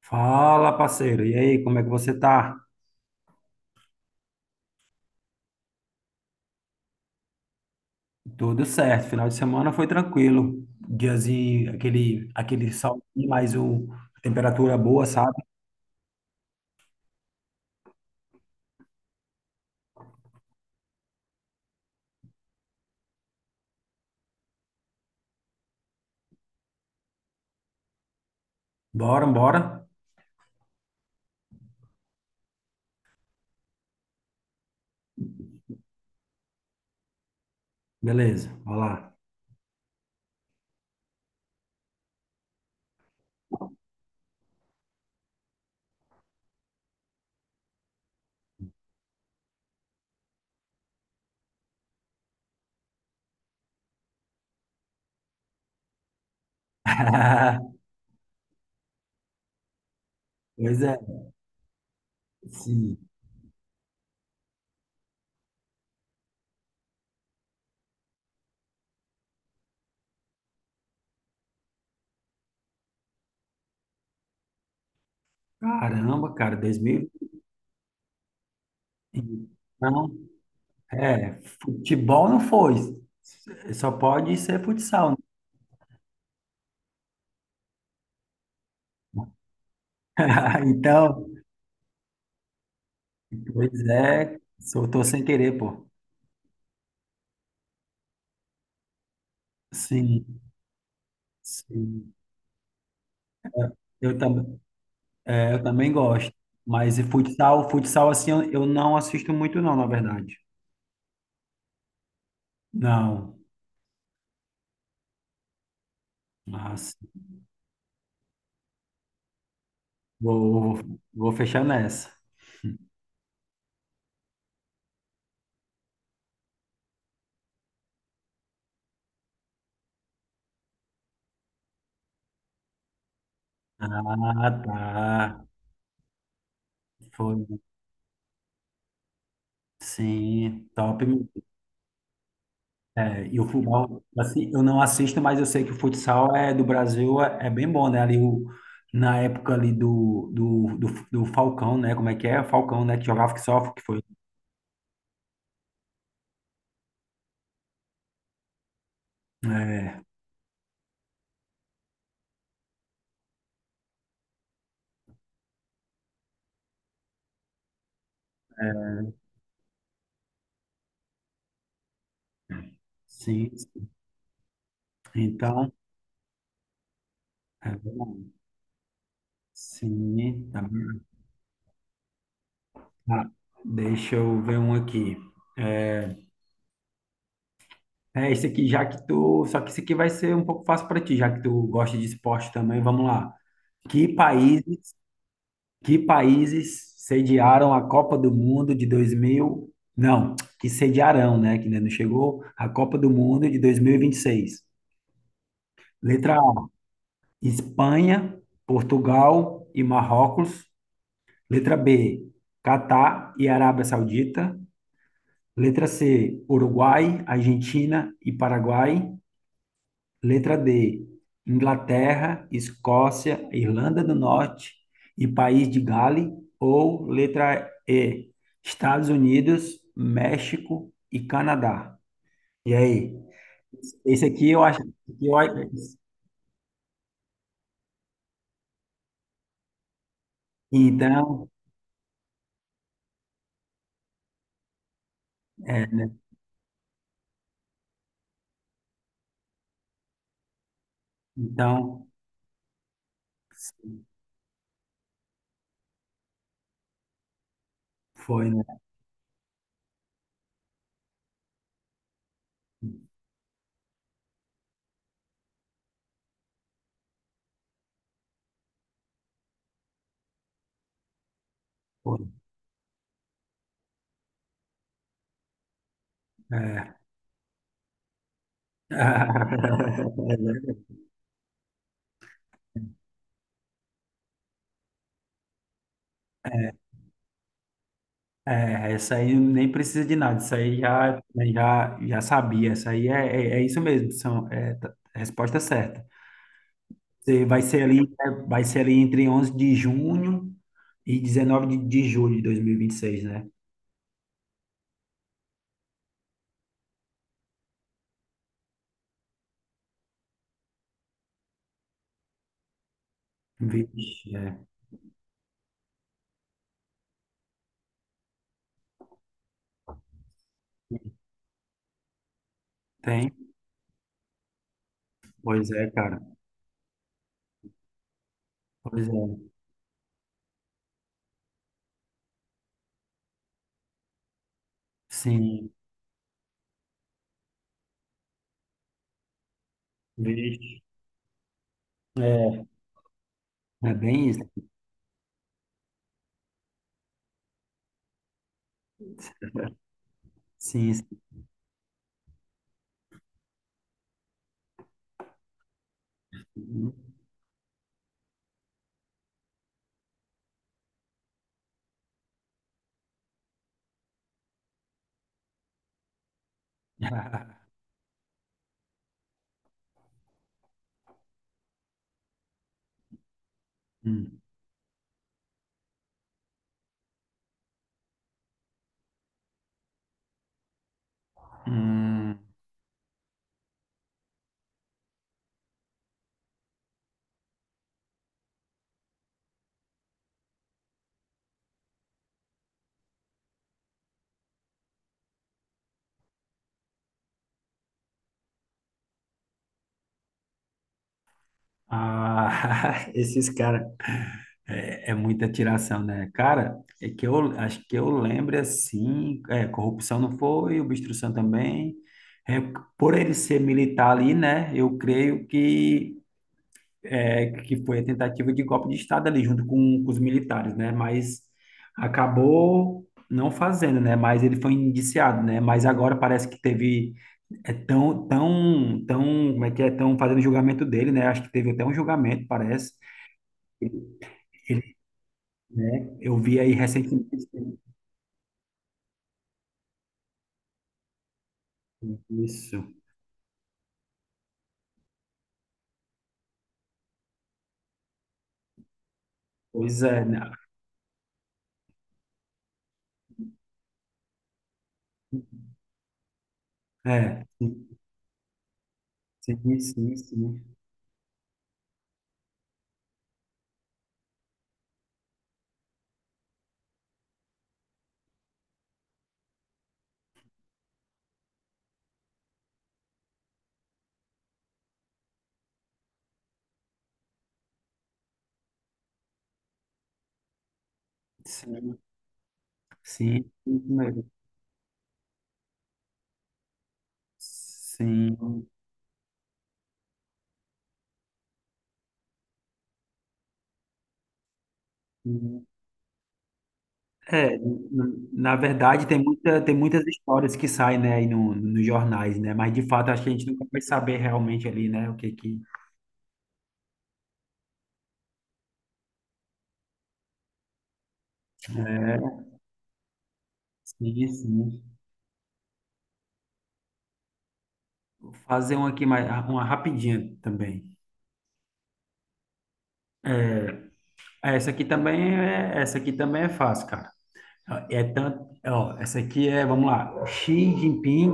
Fala, parceiro. E aí, como é que você tá? Tudo certo. Final de semana foi tranquilo. Diazinho, aquele sol, mas a temperatura boa, sabe? Bora, bora. Beleza, vamos lá. Pois é, sim. Caramba, cara, 2000. Não, é, futebol não foi. Só pode ser futsal, né? Então, pois é, soltou sem querer, pô. Sim, sim. Eu também. Eu também gosto. Mas e futsal assim, eu não assisto muito não, na verdade. Não. Nossa. Vou fechar nessa. Ah, tá. Foi. Sim, top. É, e o futebol, assim, eu não assisto, mas eu sei que o futsal é do Brasil é bem bom, né? Ali o, na época ali do Falcão, né? Como é que é? Falcão, né? Que jogava que só que foi. É, sim. Então, é bom. Sim, tá. Tá, deixa eu ver um aqui. É, esse aqui, já que tu. Só que esse aqui vai ser um pouco fácil para ti, já que tu gosta de esporte também. Vamos lá. Que países, que países sediaram a Copa do Mundo de 2000? Não, que sediarão, né? Que ainda não chegou. A Copa do Mundo de dois mil e vinte e seis. Letra A, Espanha, Portugal e Marrocos. Letra B, Catar e Arábia Saudita. Letra C, Uruguai, Argentina e Paraguai. Letra D, Inglaterra, Escócia, Irlanda do Norte e País de Gales. Ou letra E, Estados Unidos, México e Canadá. E aí? Esse aqui eu acho que eu, então, é, né? Então, foi, né? Foi. É. É, essa aí nem precisa de nada, isso aí já sabia, isso aí é isso mesmo, são, resposta certa. Você vai ser ali, né, vai ser ali entre 11 de junho e 19 de julho de 2026, né? Vixe, é. Tem? Pois é, cara. Pois é. Sim. Vixe. É, é bem isso. Sim, sim. Hum. Hum. Ah, esses caras. É muita tiração, né? Cara, é que eu acho que eu lembro assim, corrupção não foi, obstrução também. É, por ele ser militar ali, né? Eu creio que foi a tentativa de golpe de Estado ali junto com os militares, né? Mas acabou não fazendo, né? Mas ele foi indiciado, né? Mas agora parece que teve tão como é que é tão fazendo julgamento dele, né? Acho que teve até um julgamento, parece. Ele, eu vi aí recentemente. Isso. Pois é, né? É, sim, sim, sim, sim, sim, sim, isso mesmo. Sim. Sim. É, na verdade tem muitas histórias que saem, né, aí no, nos jornais, né? Mas de fato acho que a gente nunca vai saber realmente ali, né, o que que é. Sim, sim. Vou fazer uma aqui mais, uma rapidinha também. É, essa aqui também é fácil, cara. É tanto, ó, essa aqui é, vamos lá, Xi Jinping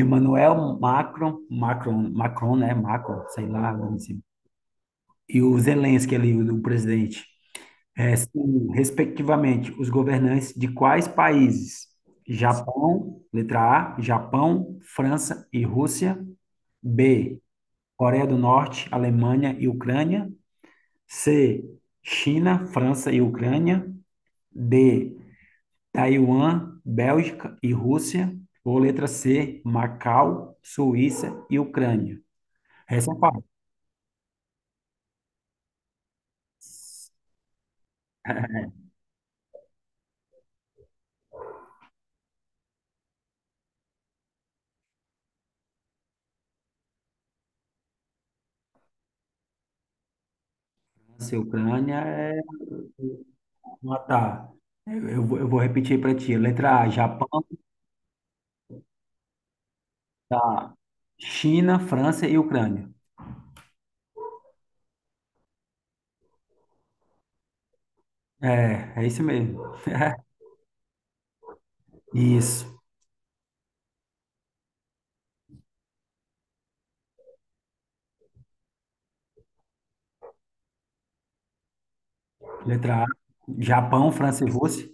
Emmanuel Macron, né? Macron, sei lá, não sei. E o Zelensky ali, o presidente, são, respectivamente, os governantes de quais países? Letra A, Japão, França e Rússia. B, Coreia do Norte, Alemanha e Ucrânia. C, China, França e Ucrânia. D, Taiwan, Bélgica e Rússia. Ou letra C, Macau, Suíça e Ucrânia. Essa é Nossa, Ucrânia é matar. Eu vou repetir para ti. Letra A, Japão, tá? China, França e Ucrânia. É isso mesmo. Isso. Letra A, Japão, França e Rússia.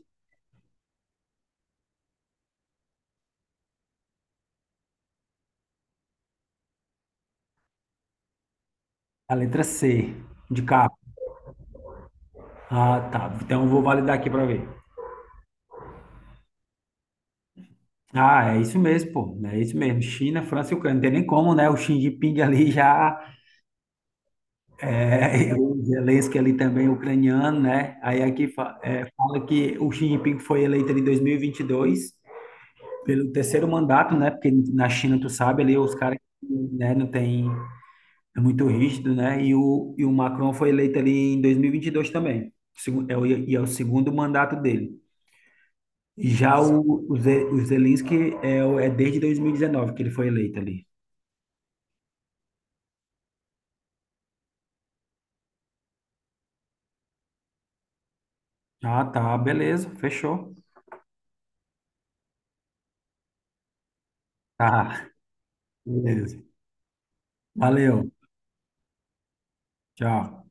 A letra C, de capa. Ah, tá. Então eu vou validar aqui para ver. Ah, é isso mesmo, pô. É isso mesmo. China, França e Ucrânia. Não tem nem como, né? O Xi Jinping ali já. É, o Zelensky ali também é ucraniano, né? Aí aqui fala que o Xi Jinping foi eleito ali em 2022 pelo terceiro mandato, né? Porque na China, tu sabe, ali os caras, né, não tem, é muito rígido, né? E o Macron foi eleito ali em 2022 também. Segu- É o, e é o segundo mandato dele. E já o Zelensky é desde 2019 que ele foi eleito ali. Ah, tá, beleza, fechou. Tá, beleza. Valeu, tchau.